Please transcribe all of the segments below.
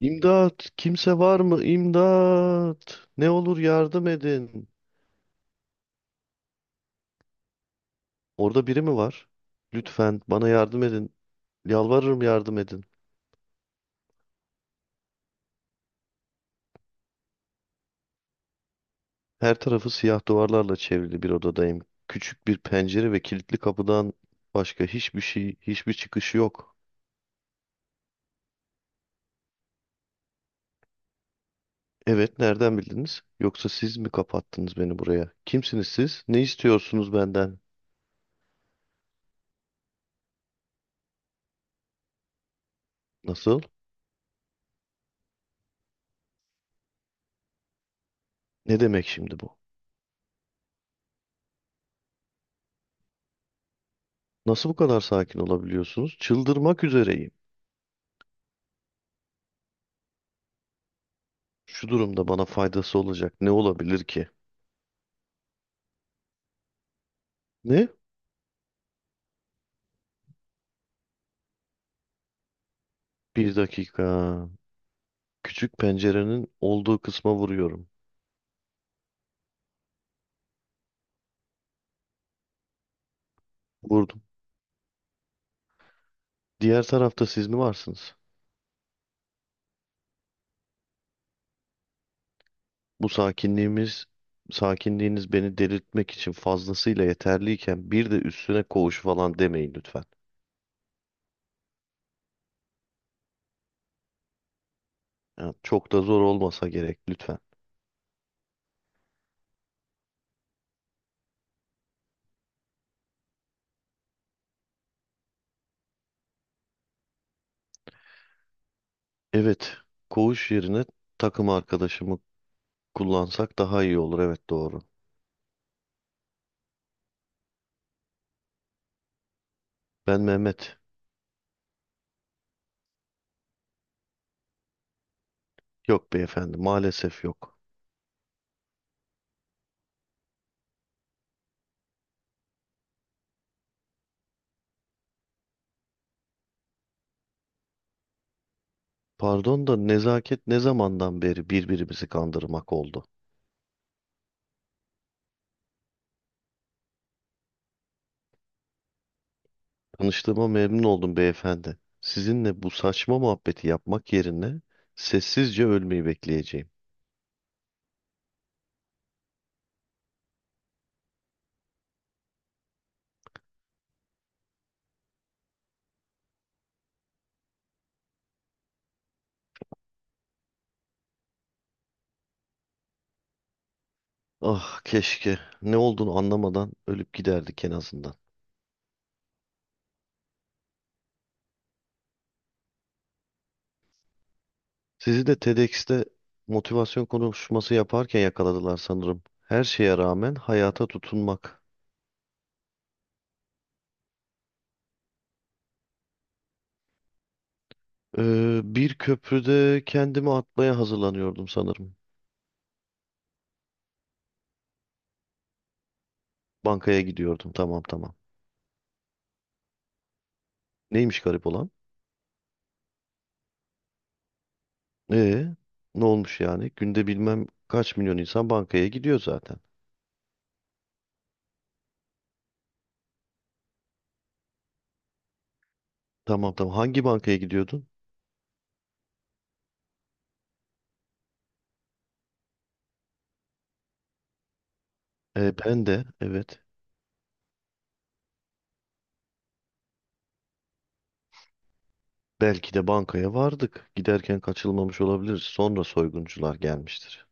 İmdat! Kimse var mı? İmdat! Ne olur yardım edin. Orada biri mi var? Lütfen bana yardım edin. Yalvarırım yardım edin. Her tarafı siyah duvarlarla çevrili bir odadayım. Küçük bir pencere ve kilitli kapıdan başka hiçbir şey, hiçbir çıkış yok. Evet, nereden bildiniz? Yoksa siz mi kapattınız beni buraya? Kimsiniz siz? Ne istiyorsunuz benden? Nasıl? Ne demek şimdi bu? Nasıl bu kadar sakin olabiliyorsunuz? Çıldırmak üzereyim. Şu durumda bana faydası olacak ne olabilir ki? Ne? Bir dakika. Küçük pencerenin olduğu kısma vuruyorum. Vurdum. Diğer tarafta siz mi varsınız? Bu sakinliğimiz, sakinliğiniz beni delirtmek için fazlasıyla yeterliyken bir de üstüne koğuş falan demeyin lütfen. Ya, çok da zor olmasa gerek lütfen. Evet, koğuş yerine takım arkadaşımı kullansak daha iyi olur. Evet doğru. Ben Mehmet. Yok beyefendi, maalesef yok. Pardon da nezaket ne zamandan beri birbirimizi kandırmak oldu? Tanıştığıma memnun oldum beyefendi. Sizinle bu saçma muhabbeti yapmak yerine sessizce ölmeyi bekleyeceğim. Ah keşke ne olduğunu anlamadan ölüp giderdik en azından. Sizi de TEDx'te motivasyon konuşması yaparken yakaladılar sanırım. Her şeye rağmen hayata tutunmak. Bir köprüde kendimi atmaya hazırlanıyordum sanırım. Bankaya gidiyordum, tamam tamam. Neymiş garip olan? E, ne olmuş yani? Günde bilmem kaç milyon insan bankaya gidiyor zaten. Tamam tamam. Hangi bankaya gidiyordun? Ben de, evet. Belki de bankaya vardık. Giderken kaçılmamış olabiliriz. Sonra soyguncular gelmiştir.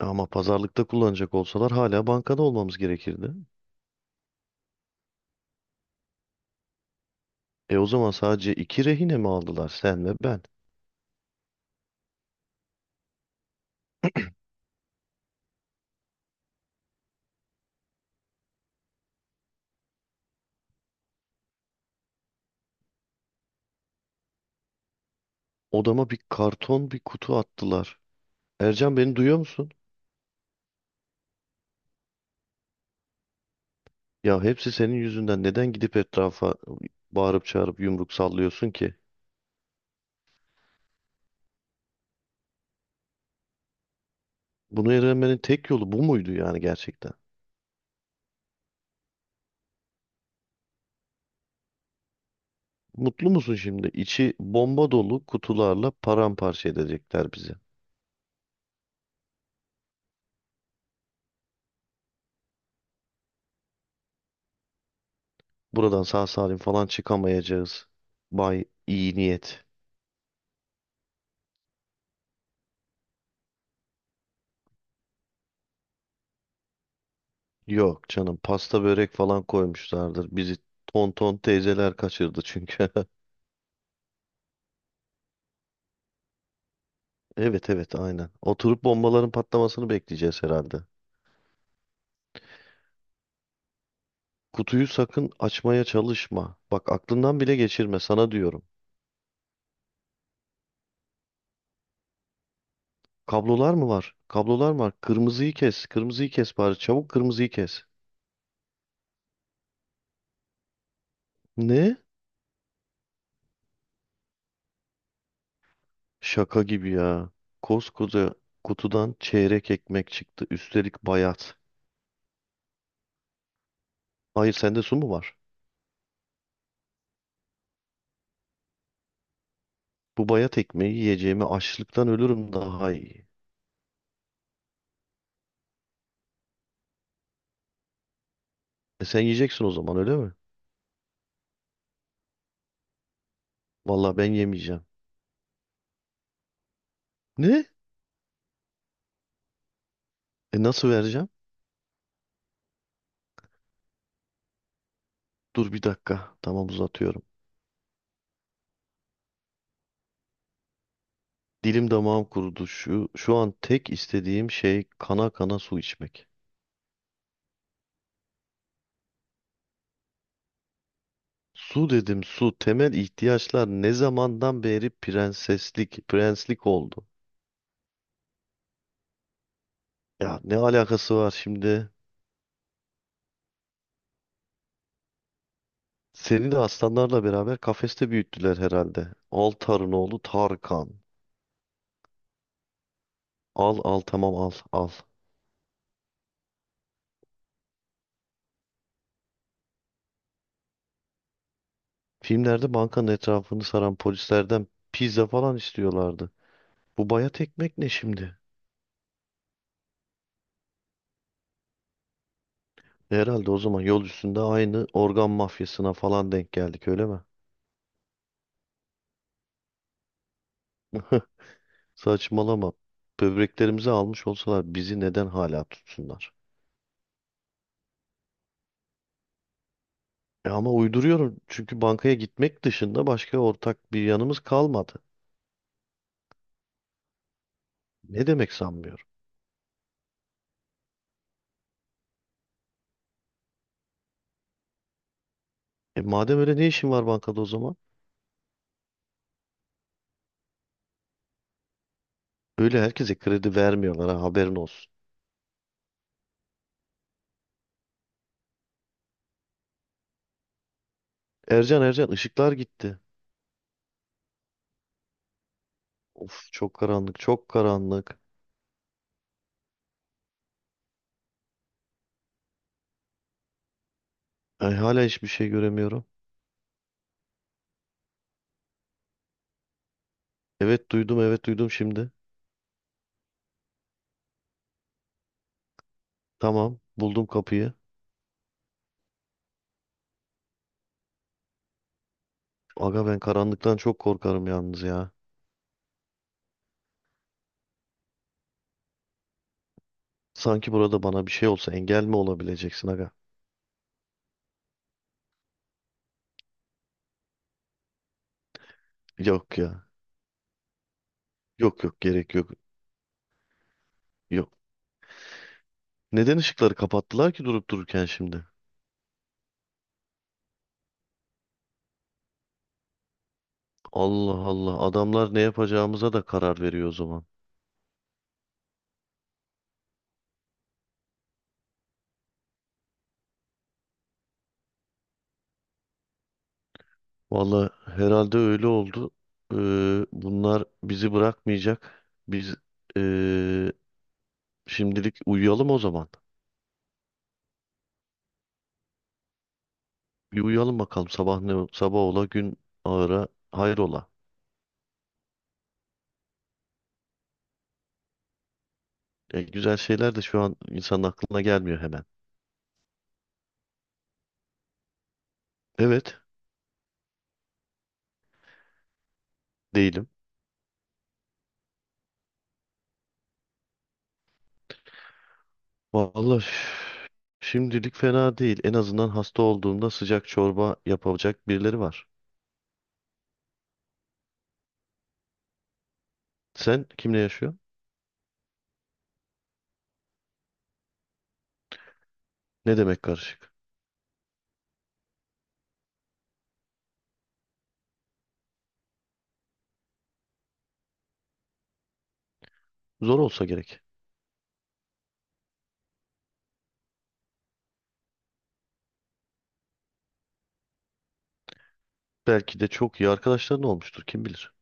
Ama pazarlıkta kullanacak olsalar hala bankada olmamız gerekirdi. E, o zaman sadece iki rehine mi aldılar, sen ve ben? Odama bir karton bir kutu attılar. Ercan, beni duyuyor musun? Ya hepsi senin yüzünden, neden gidip etrafa bağırıp çağırıp yumruk sallıyorsun ki? Bunu öğrenmenin tek yolu bu muydu yani, gerçekten? Mutlu musun şimdi? İçi bomba dolu kutularla paramparça edecekler bizi. Buradan sağ salim falan çıkamayacağız, Bay iyi niyet. Yok canım, pasta börek falan koymuşlardır. Bizi tonton teyzeler kaçırdı çünkü. Evet evet, aynen. Oturup bombaların patlamasını bekleyeceğiz herhalde. Kutuyu sakın açmaya çalışma. Bak, aklından bile geçirme, sana diyorum. Kablolar mı var? Kablolar mı var? Kırmızıyı kes. Kırmızıyı kes bari. Çabuk kırmızıyı kes. Ne? Şaka gibi ya. Koskoca kutudan çeyrek ekmek çıktı. Üstelik bayat. Hayır, sende su mu var? Bu bayat ekmeği yiyeceğimi açlıktan ölürüm daha iyi. E sen yiyeceksin o zaman, öyle mi? Vallahi ben yemeyeceğim. Ne? E nasıl vereceğim? Dur bir dakika. Tamam, uzatıyorum. Dilim damağım kurudu. Şu an tek istediğim şey kana kana su içmek. Su dedim, su. Temel ihtiyaçlar ne zamandan beri prenseslik prenslik oldu? Ya ne alakası var şimdi? Seni de aslanlarla beraber kafeste büyüttüler herhalde. Al, Tarınoğlu Tarkan. Al al, tamam, al al. Filmlerde bankanın etrafını saran polislerden pizza falan istiyorlardı. Bu bayat ekmek ne şimdi? Herhalde o zaman yol üstünde aynı organ mafyasına falan denk geldik, öyle mi? Saçmalama. Böbreklerimizi almış olsalar bizi neden hala tutsunlar? E ama uyduruyorum, çünkü bankaya gitmek dışında başka ortak bir yanımız kalmadı. Ne demek sanmıyorum? E madem öyle, ne işin var bankada o zaman? Öyle herkese kredi vermiyorlar ha, haberin olsun. Ercan, Ercan, ışıklar gitti. Of, çok karanlık, çok karanlık. Ay, hala hiçbir şey göremiyorum. Evet duydum, evet duydum şimdi. Tamam, buldum kapıyı. Aga, ben karanlıktan çok korkarım yalnız ya. Sanki burada bana bir şey olsa engel mi olabileceksin aga? Yok ya. Yok yok, gerek yok. Yok. Neden ışıkları kapattılar ki durup dururken şimdi? Allah Allah, adamlar ne yapacağımıza da karar veriyor o zaman. Valla herhalde öyle oldu. Ee, Bunlar bizi bırakmayacak. Biz ee, şimdilik uyuyalım o zaman. Bir uyuyalım bakalım, sabah ne sabah ola, gün ağıra hayrola. E, güzel şeyler de şu an insanın aklına gelmiyor hemen. Evet, değilim. Vallahi Valla şimdilik fena değil. En azından hasta olduğumda sıcak çorba yapacak birileri var. Sen kimle yaşıyorsun? Ne demek karışık? Zor olsa gerek. Belki de çok iyi arkadaşların olmuştur. Kim bilir?